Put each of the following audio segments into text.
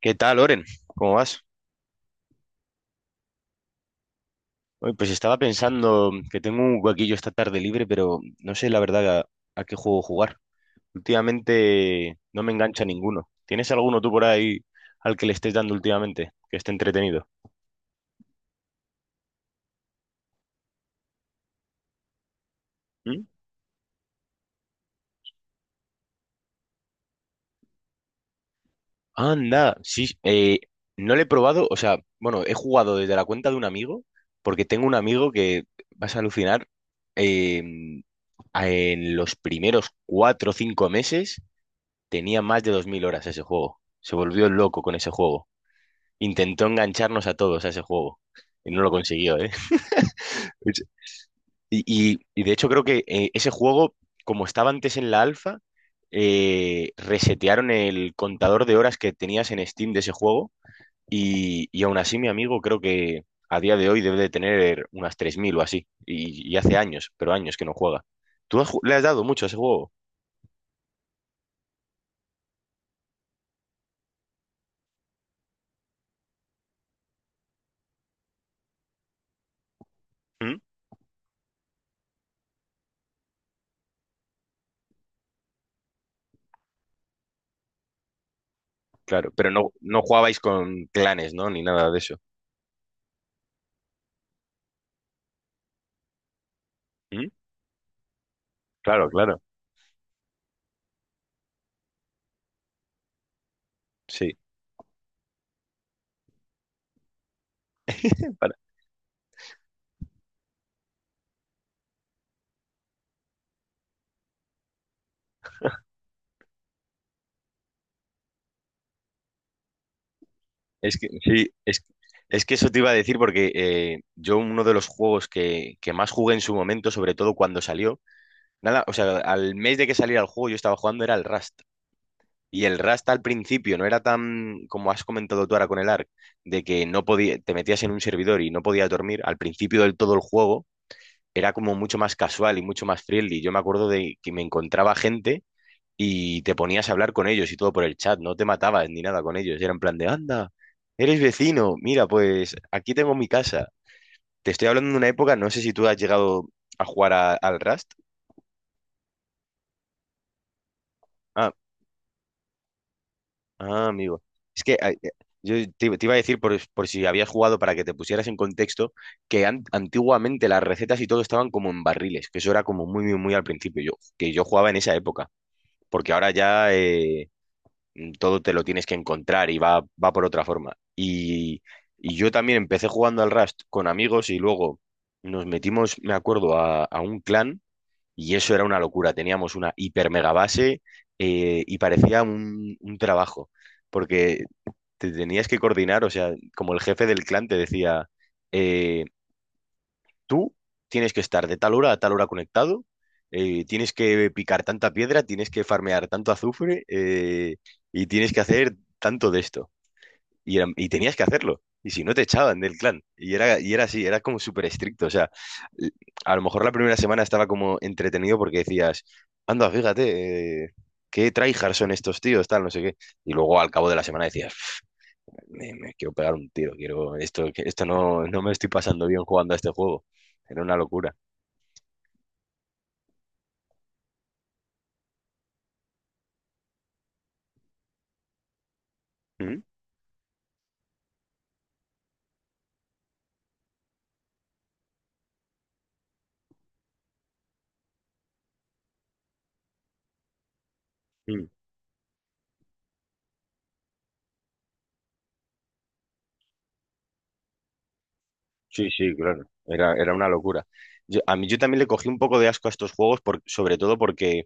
¿Qué tal, Oren? ¿Cómo vas? Oye, pues estaba pensando que tengo un huequillo esta tarde libre, pero no sé la verdad a qué juego jugar. Últimamente no me engancha ninguno. ¿Tienes alguno tú por ahí al que le estés dando últimamente, que esté entretenido? ¿Mm? Anda, sí, no le he probado, o sea, bueno, he jugado desde la cuenta de un amigo, porque tengo un amigo que vas a alucinar, eh, en los primeros 4 o 5 meses tenía más de 2000 horas ese juego. Se volvió loco con ese juego. Intentó engancharnos a todos a ese juego. Y no lo consiguió, ¿eh? Y de hecho creo que ese juego, como estaba antes en la alfa, resetearon el contador de horas que tenías en Steam de ese juego. Y aún así mi amigo creo que a día de hoy debe de tener unas 3000 o así. Y hace años, pero años que no juega. Le has dado mucho a ese juego? ¿Mm? Claro, pero no, no jugabais con clanes, ¿no? Ni nada de eso. ¿Mm? Claro, claro, sí. Para- es que, sí, es que eso te iba a decir porque yo, uno de los juegos que más jugué en su momento, sobre todo cuando salió, nada, o sea, al mes de que saliera el juego yo estaba jugando era el Rust. Y el Rust al principio no era tan, como has comentado tú ahora con el Ark, de que no podía, te metías en un servidor y no podías dormir. Al principio del todo el juego era como mucho más casual y mucho más friendly. Yo me acuerdo de que me encontraba gente y te ponías a hablar con ellos y todo por el chat, no te matabas ni nada con ellos, era en plan de, anda, eres vecino, mira, pues aquí tengo mi casa. Te estoy hablando de una época, no sé si tú has llegado a jugar al Rust. Ah, ah, amigo. Es que yo, te iba a decir, por si habías jugado para que te pusieras en contexto, que antiguamente las recetas y todo estaban como en barriles, que eso era como muy, muy, muy al principio, yo, que yo jugaba en esa época, porque ahora ya todo te lo tienes que encontrar y va por otra forma. Y yo también empecé jugando al Rust con amigos y luego nos metimos, me acuerdo, a un clan y eso era una locura. Teníamos una hiper mega base, y parecía un trabajo, porque te tenías que coordinar, o sea, como el jefe del clan te decía, eh, tú tienes que estar de tal hora a tal hora conectado, tienes que picar tanta piedra, tienes que farmear tanto azufre, y tienes que hacer tanto de esto. Y tenías que hacerlo. Y si no, te echaban del clan. Y era así, era como súper estricto. O sea, l- a lo mejor la primera semana estaba como entretenido porque decías, anda, fíjate, qué tryhards son estos tíos, tal, no sé qué. Y luego al cabo de la semana decías, me quiero pegar un tiro, quiero, esto, esto no me estoy pasando bien jugando a este juego. Era una locura. ¿Mm? Mm. Sí, sí, claro. Era una locura. Yo, a mí yo también le cogí un poco de asco a estos juegos, sobre todo porque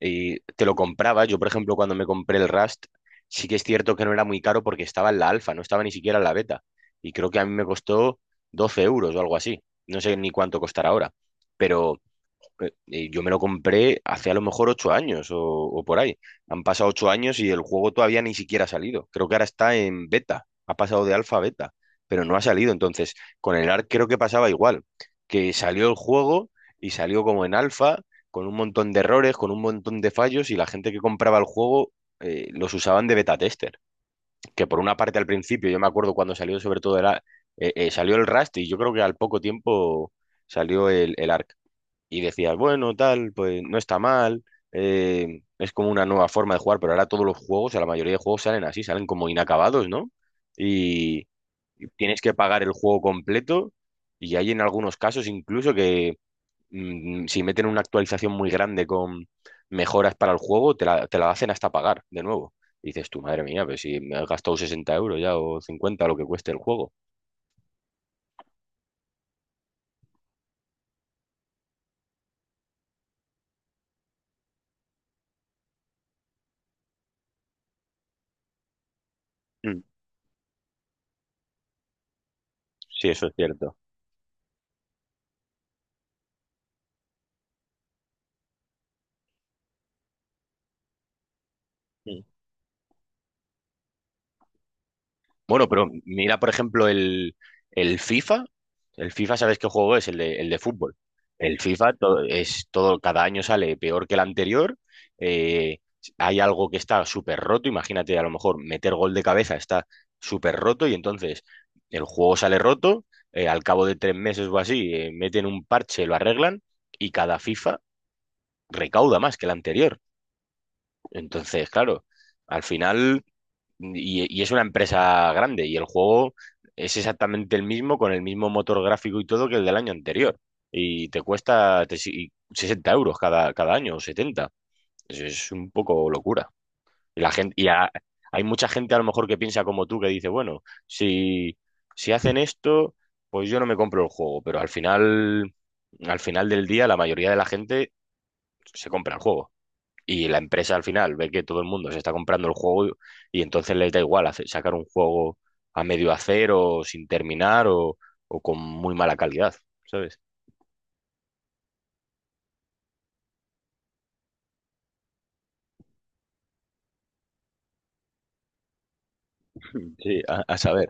te lo compraba. Yo, por ejemplo, cuando me compré el Rust, sí que es cierto que no era muy caro porque estaba en la alfa, no estaba ni siquiera en la beta. Y creo que a mí me costó 12 euros o algo así. No sé ni cuánto costará ahora. Pero yo me lo compré hace a lo mejor 8 años o por ahí. Han pasado 8 años y el juego todavía ni siquiera ha salido. Creo que ahora está en beta, ha pasado de alfa a beta, pero no ha salido. Entonces, con el ARC creo que pasaba igual, que salió el juego y salió como en alfa, con un montón de errores, con un montón de fallos y la gente que compraba el juego, los usaban de beta tester, que por una parte al principio, yo me acuerdo cuando salió sobre todo salió el Rust y yo creo que al poco tiempo salió el Ark y decías, bueno, tal, pues no está mal, es como una nueva forma de jugar, pero ahora todos los juegos, o la mayoría de juegos salen así, salen como inacabados, ¿no? Y tienes que pagar el juego completo y hay en algunos casos incluso que, si meten una actualización muy grande con mejoras para el juego, te la hacen hasta pagar de nuevo. Y dices tú, madre mía, pues si me has gastado 60 euros ya o 50, lo que cueste el juego. Mm. Sí, eso es cierto. Bueno, pero mira, por ejemplo, el FIFA. El FIFA ¿sabes qué juego es? El de fútbol. El FIFA es todo, cada año sale peor que el anterior. eh, hay algo que está súper roto. Imagínate, a lo mejor meter gol de cabeza está súper roto y entonces el juego sale roto. Al cabo de 3 meses o así, meten un parche, lo arreglan y cada FIFA recauda más que el anterior. Entonces, claro, al final. Y es una empresa grande y el juego es exactamente el mismo, con el mismo motor gráfico y todo que el del año anterior. Y te cuesta 60 euros cada, cada año o 70. Es un poco locura. Y la gente, hay mucha gente a lo mejor que piensa como tú, que dice, bueno, si hacen esto, pues yo no me compro el juego. Pero al final del día, la mayoría de la gente se compra el juego. Y la empresa al final ve que todo el mundo se está comprando el juego y entonces les da igual sacar un juego a medio hacer o sin terminar o con muy mala calidad, ¿sabes? Sí, a saber.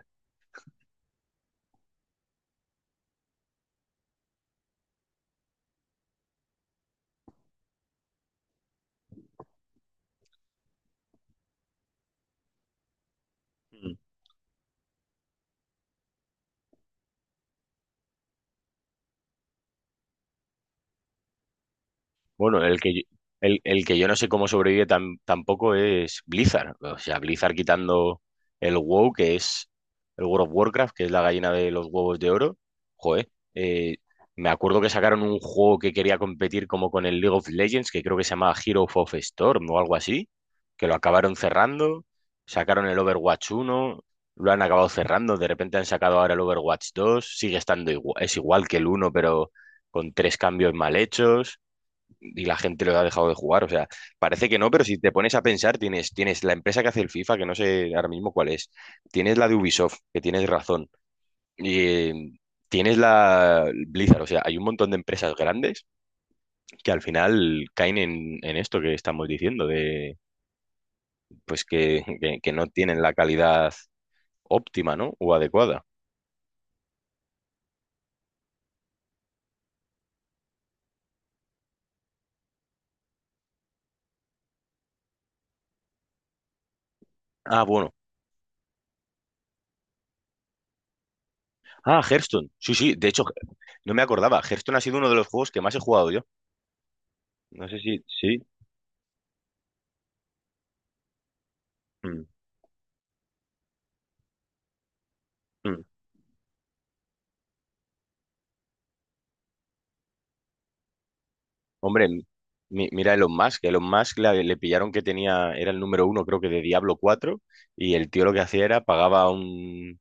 Bueno, el que yo no sé cómo sobrevive tampoco es Blizzard. O sea, Blizzard quitando el WoW, que es el World of Warcraft, que es la gallina de los huevos de oro. Joder, me acuerdo que sacaron un juego que quería competir como con el League of Legends, que creo que se llamaba Hero of Storm o algo así, que lo acabaron cerrando. Sacaron el Overwatch uno, lo han acabado cerrando. De repente han sacado ahora el Overwatch 2. Sigue estando igual, es igual que el uno, pero con tres cambios mal hechos y la gente lo ha dejado de jugar. O sea, parece que no, pero si te pones a pensar, tienes la empresa que hace el FIFA, que no sé ahora mismo cuál es, tienes la de Ubisoft, que tienes razón, y tienes la Blizzard. O sea, hay un montón de empresas grandes que al final caen en esto que estamos diciendo, de pues que no tienen la calidad óptima, ¿no? O adecuada. Ah, bueno. Ah, Hearthstone. Sí, sí. De hecho, no me acordaba. Hearthstone ha sido uno de los juegos que más he jugado yo. No sé si... Sí. Mm, mm. Hombre, mira Elon Musk. Elon Musk le pillaron que tenía, era el número uno, creo que de Diablo 4. Y el tío lo que hacía era pagaba a un,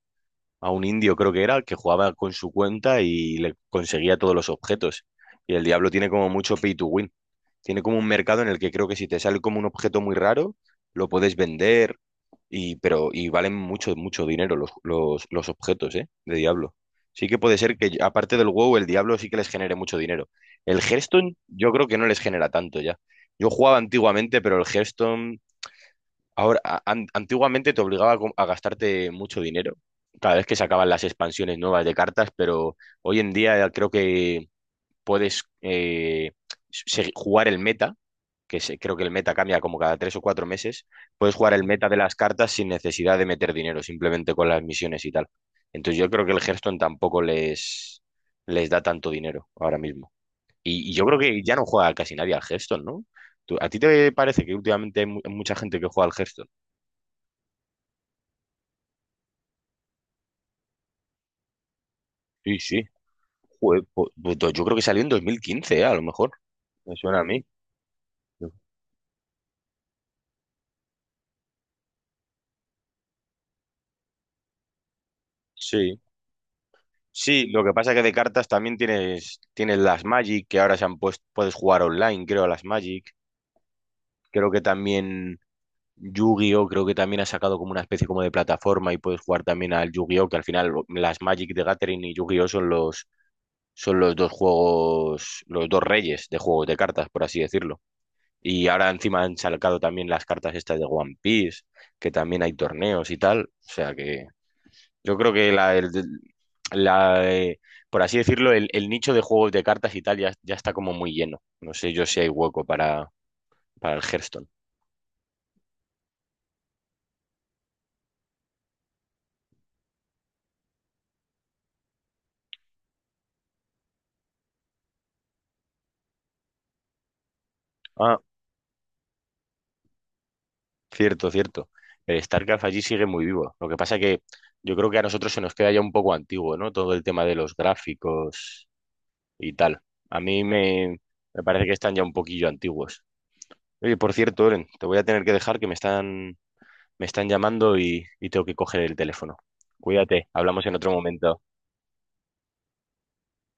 a un indio, creo que era, que jugaba con su cuenta y le conseguía todos los objetos. Y el Diablo tiene como mucho pay to win. Tiene como un mercado en el que creo que si te sale como un objeto muy raro, lo puedes vender y, pero, y valen mucho, mucho dinero los objetos, ¿eh? De Diablo. Sí que puede ser que, aparte del WoW, el Diablo sí que les genere mucho dinero. El Hearthstone yo creo que no les genera tanto ya. Yo jugaba antiguamente, pero el Hearthstone... Ahora, antiguamente te obligaba a gastarte mucho dinero cada vez que sacaban las expansiones nuevas de cartas, pero hoy en día creo que puedes jugar el meta, que creo que el meta cambia como cada 3 o 4 meses, puedes jugar el meta de las cartas sin necesidad de meter dinero, simplemente con las misiones y tal. Entonces yo creo que el Hearthstone tampoco les da tanto dinero ahora mismo. Y yo creo que ya no juega casi nadie al Hearthstone, ¿no? A ti te parece que últimamente hay mucha gente que juega al Hearthstone? Sí, sí. Joder, pues yo creo que salió en 2015, a lo mejor. Me suena a mí. Sí. Sí, lo que pasa es que de cartas también tienes, las Magic, que ahora se han puesto, puedes jugar online, creo, a las Magic. Creo que también Yu-Gi-Oh! Creo que también ha sacado como una especie como de plataforma y puedes jugar también al Yu-Gi-Oh!, que al final las Magic de Gathering y Yu-Gi-Oh! son los dos juegos, los dos reyes de juegos de cartas, por así decirlo. Y ahora encima han sacado también las cartas estas de One Piece, que también hay torneos y tal. O sea que yo creo que la, eh, por así decirlo, el nicho de juegos de cartas y tal ya, está como muy lleno. No sé yo si hay hueco para el Hearthstone. Ah, cierto, cierto. El StarCraft allí sigue muy vivo. Lo que pasa que yo creo que a nosotros se nos queda ya un poco antiguo, ¿no? Todo el tema de los gráficos y tal. A mí me parece que están ya un poquillo antiguos. Oye, por cierto, Oren, te voy a tener que dejar que me están llamando y tengo que coger el teléfono. Cuídate, hablamos en otro momento.